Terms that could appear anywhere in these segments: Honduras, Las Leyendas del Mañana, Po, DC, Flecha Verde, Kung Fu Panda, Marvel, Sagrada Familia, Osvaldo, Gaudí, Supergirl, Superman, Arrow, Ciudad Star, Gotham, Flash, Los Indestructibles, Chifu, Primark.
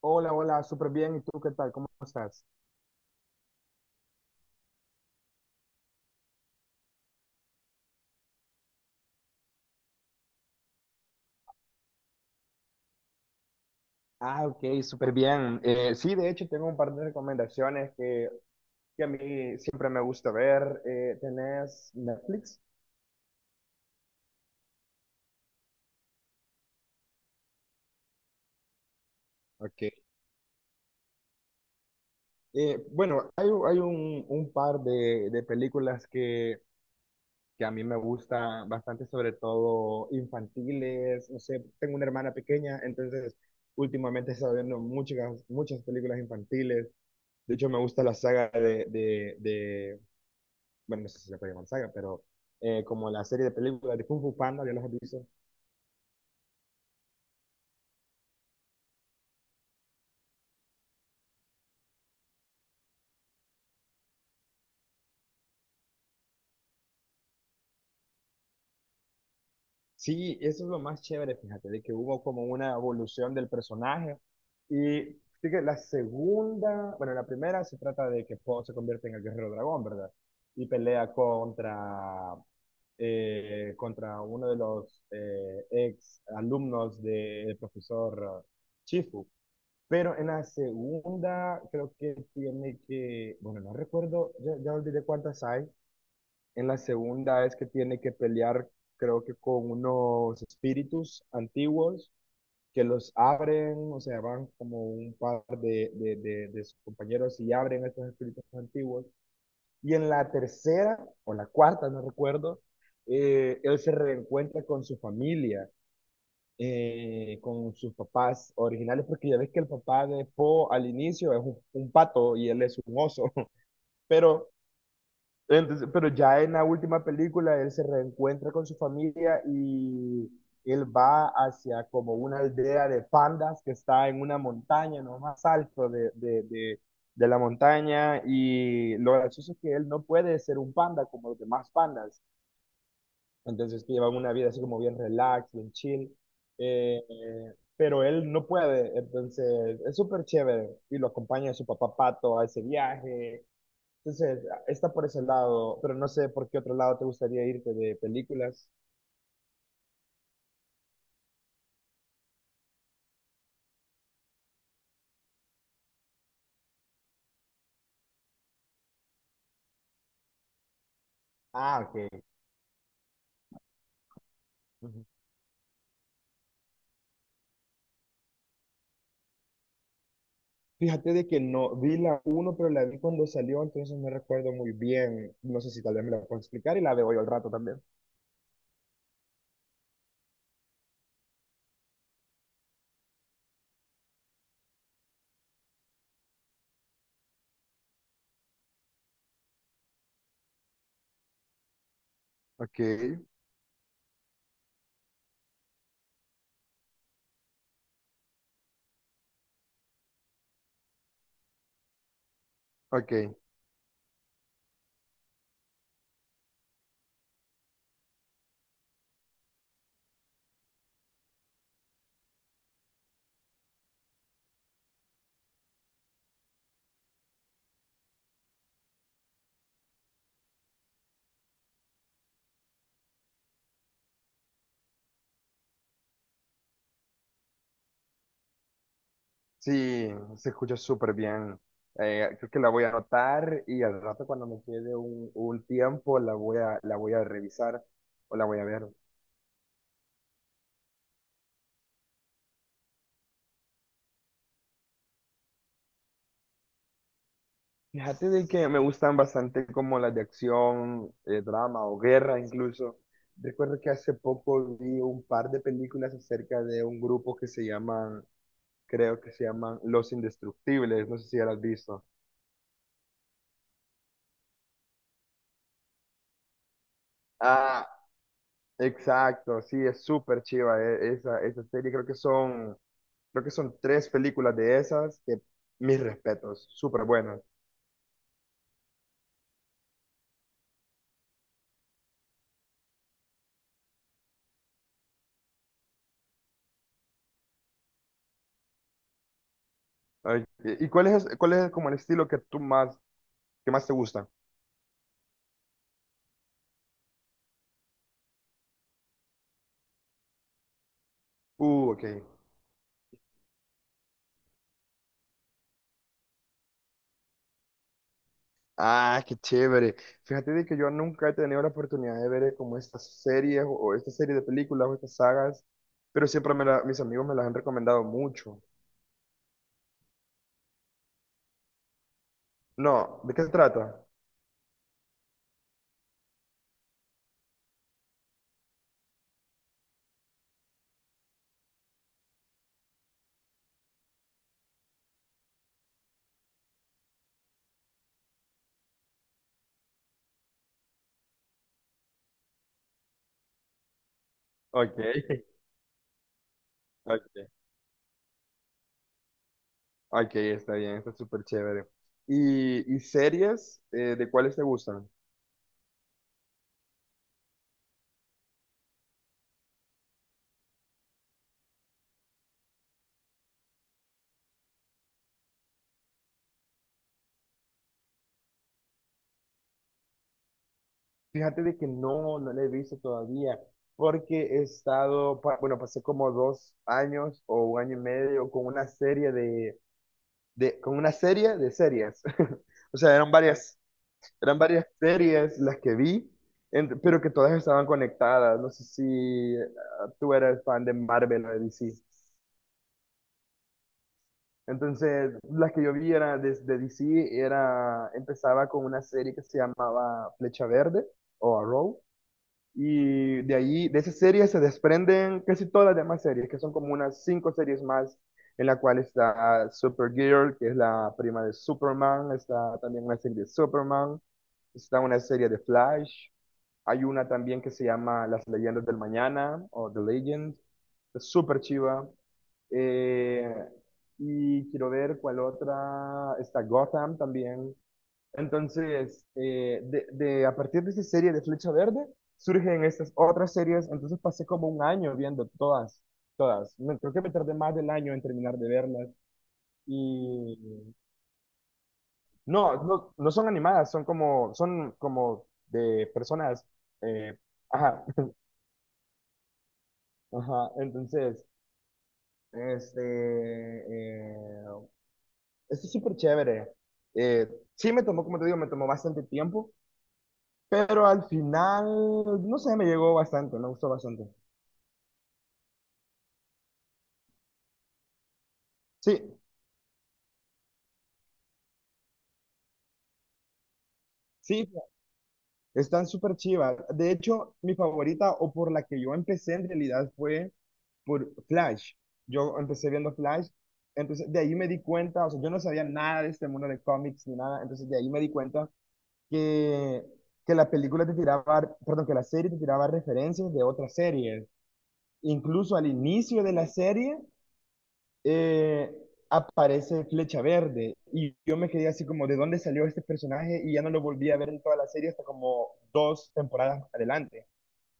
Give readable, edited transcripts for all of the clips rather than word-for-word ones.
Hola, hola, súper bien. ¿Y tú qué tal? ¿Cómo estás? Ah, ok, súper bien. Sí, de hecho, tengo un par de recomendaciones que a mí siempre me gusta ver. ¿Tenés Netflix? Ok. Bueno, hay un par de películas que a mí me gustan bastante, sobre todo infantiles. No sé, tengo una hermana pequeña, entonces últimamente he estado viendo muchas películas infantiles. De hecho, me gusta la saga de, bueno, no sé si se puede llamar saga, pero como la serie de películas de Kung Fu Panda, ya los has visto. Sí, eso es lo más chévere, fíjate, de que hubo como una evolución del personaje. Y sí que la segunda, bueno, la primera se trata de que Po se convierte en el guerrero dragón, ¿verdad? Y pelea contra uno de los ex alumnos del profesor Chifu. Pero en la segunda creo que tiene que, bueno, no recuerdo, ya olvidé cuántas hay. En la segunda es que tiene que pelear, creo que con unos espíritus antiguos que los abren, o sea, van como un par de sus compañeros y abren a estos espíritus antiguos. Y en la tercera, o la cuarta, no recuerdo, él se reencuentra con su familia con sus papás originales, porque ya ves que el papá de Po al inicio es un pato y él es un oso, pero, pero ya en la última película él se reencuentra con su familia y él va hacia como una aldea de pandas que está en una montaña, no más alto de la montaña y lo gracioso es que él no puede ser un panda como los demás pandas entonces, que llevan una vida así como bien relax, bien chill. eh, pero él no puede, entonces es súper chévere. Y lo acompaña su papá Pato a ese viaje. Entonces, está por ese lado, pero no sé por qué otro lado te gustaría irte de películas. Ah, ok. Ujú. Fíjate de que no vi la uno, pero la vi cuando salió, entonces no recuerdo muy bien. No sé si tal vez me la puedo explicar y la veo hoy al rato también. Ok, ok. Sí, se escucha súper bien. Creo que la voy a anotar y al rato cuando me quede un tiempo la voy la voy a revisar o la voy a ver. Fíjate de que me gustan bastante como las de acción, drama o guerra incluso. Recuerdo que hace poco vi un par de películas acerca de un grupo que se creo que se llaman Los Indestructibles, no sé si ya las has visto. Ah, exacto, sí, es súper chiva esa serie, creo que son... Creo que son tres películas de esas que mis respetos, súper buenas. Ay, ¿y cuál es como el estilo que tú que más te gusta? Ok. Ah, qué chévere. Fíjate de que yo nunca he tenido la oportunidad de ver como estas series o esta serie de películas o estas sagas, pero mis amigos me las han recomendado mucho. No, ¿de qué se trata? Ok, ok, ok, está bien, está súper chévere. ¿Y series de cuáles te gustan? Fíjate de que no la he visto todavía, porque he estado, bueno, pasé como dos años o un año y medio con una serie de con una serie de series. O sea, eran varias series las que vi, pero que todas estaban conectadas. No sé si eh, tú eres fan de Marvel o de DC. Entonces, las que yo vi era de DC era, empezaba con una serie que se llamaba Flecha Verde o Arrow. Y de ahí, de esa serie se desprenden casi todas las demás series, que son como unas cinco series más, en la cual está Supergirl, que es la prima de Superman, está también una serie de Superman, está una serie de Flash, hay una también que se llama Las Leyendas del Mañana, o The Legend, es súper chiva. Eh, y quiero ver cuál otra, está Gotham también, entonces, a partir de esa serie de Flecha Verde, surgen estas otras series. Entonces pasé como un año viendo todas. Creo que me tardé más del año en terminar de verlas. Y no son animadas, son como de personas. eh, ajá, ajá. Entonces, este, eh, esto es súper chévere. Eh, sí me tomó, como te digo, me tomó bastante tiempo. Pero al final, no sé, me llegó bastante, me gustó bastante. Sí, sí, están súper chivas. De hecho, mi favorita o por la que yo empecé en realidad fue por Flash. Yo empecé viendo Flash, entonces de ahí me di cuenta, o sea, yo no sabía nada de este mundo de cómics ni nada, entonces de ahí me di cuenta que, que la película te tiraba, perdón, que la serie te tiraba referencias de otras series. Incluso al inicio de la serie eh, aparece Flecha Verde y yo me quedé así como, ¿de dónde salió este personaje? Y ya no lo volví a ver en toda la serie hasta como dos temporadas adelante.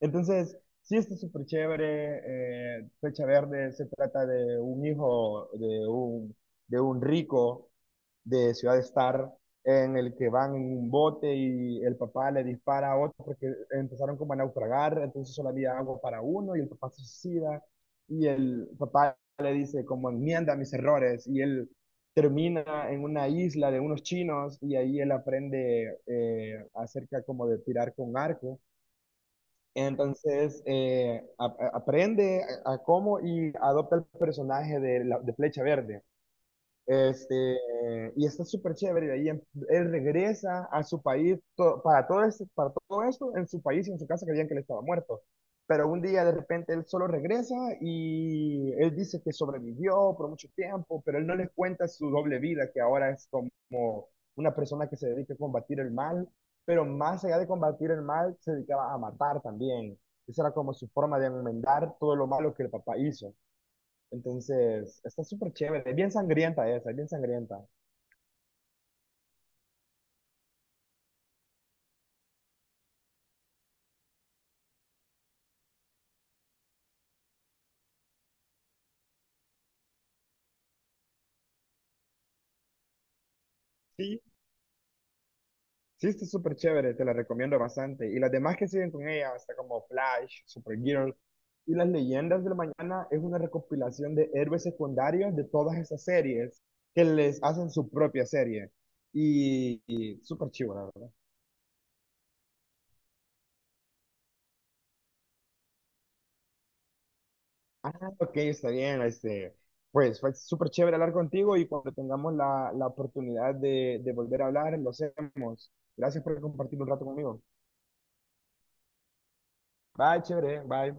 Entonces, sí está súper chévere. Flecha Verde se trata de un hijo de de un rico de Ciudad Star en el que van en un bote y el papá le dispara a otro porque empezaron como a naufragar, entonces solo había agua para uno y el papá se suicida y el papá se como enmienda mis errores y él termina en una isla de unos chinos y ahí él aprende acerca como de tirar con arco. Entonces aprende a cómo y adopta el personaje de Flecha Verde. Este, y está súper chévere. Él regresa a su país para todo esto en su país y en su casa creían que él estaba muerto. Pero un día de repente él solo regresa y él dice que sobrevivió por mucho tiempo, pero él no les cuenta su doble vida, que ahora es como una persona que se dedica a combatir el mal, pero más allá de combatir el mal, se dedicaba a matar también. Esa era como su forma de enmendar todo lo malo que el papá hizo. Entonces, está súper chévere, es bien sangrienta esa, es bien sangrienta. Sí, sí, está súper chévere, te la recomiendo bastante. Y las demás que siguen con ella, hasta como Flash, Supergirl y Las Leyendas del Mañana, es una recopilación de héroes secundarios de todas esas series que les hacen su propia serie. Y súper chivo, la verdad. Ah, ok, está bien. Pues fue súper chévere hablar contigo y cuando tengamos la oportunidad de volver a hablar, lo hacemos. Gracias por compartir un rato conmigo. Bye, chévere, bye.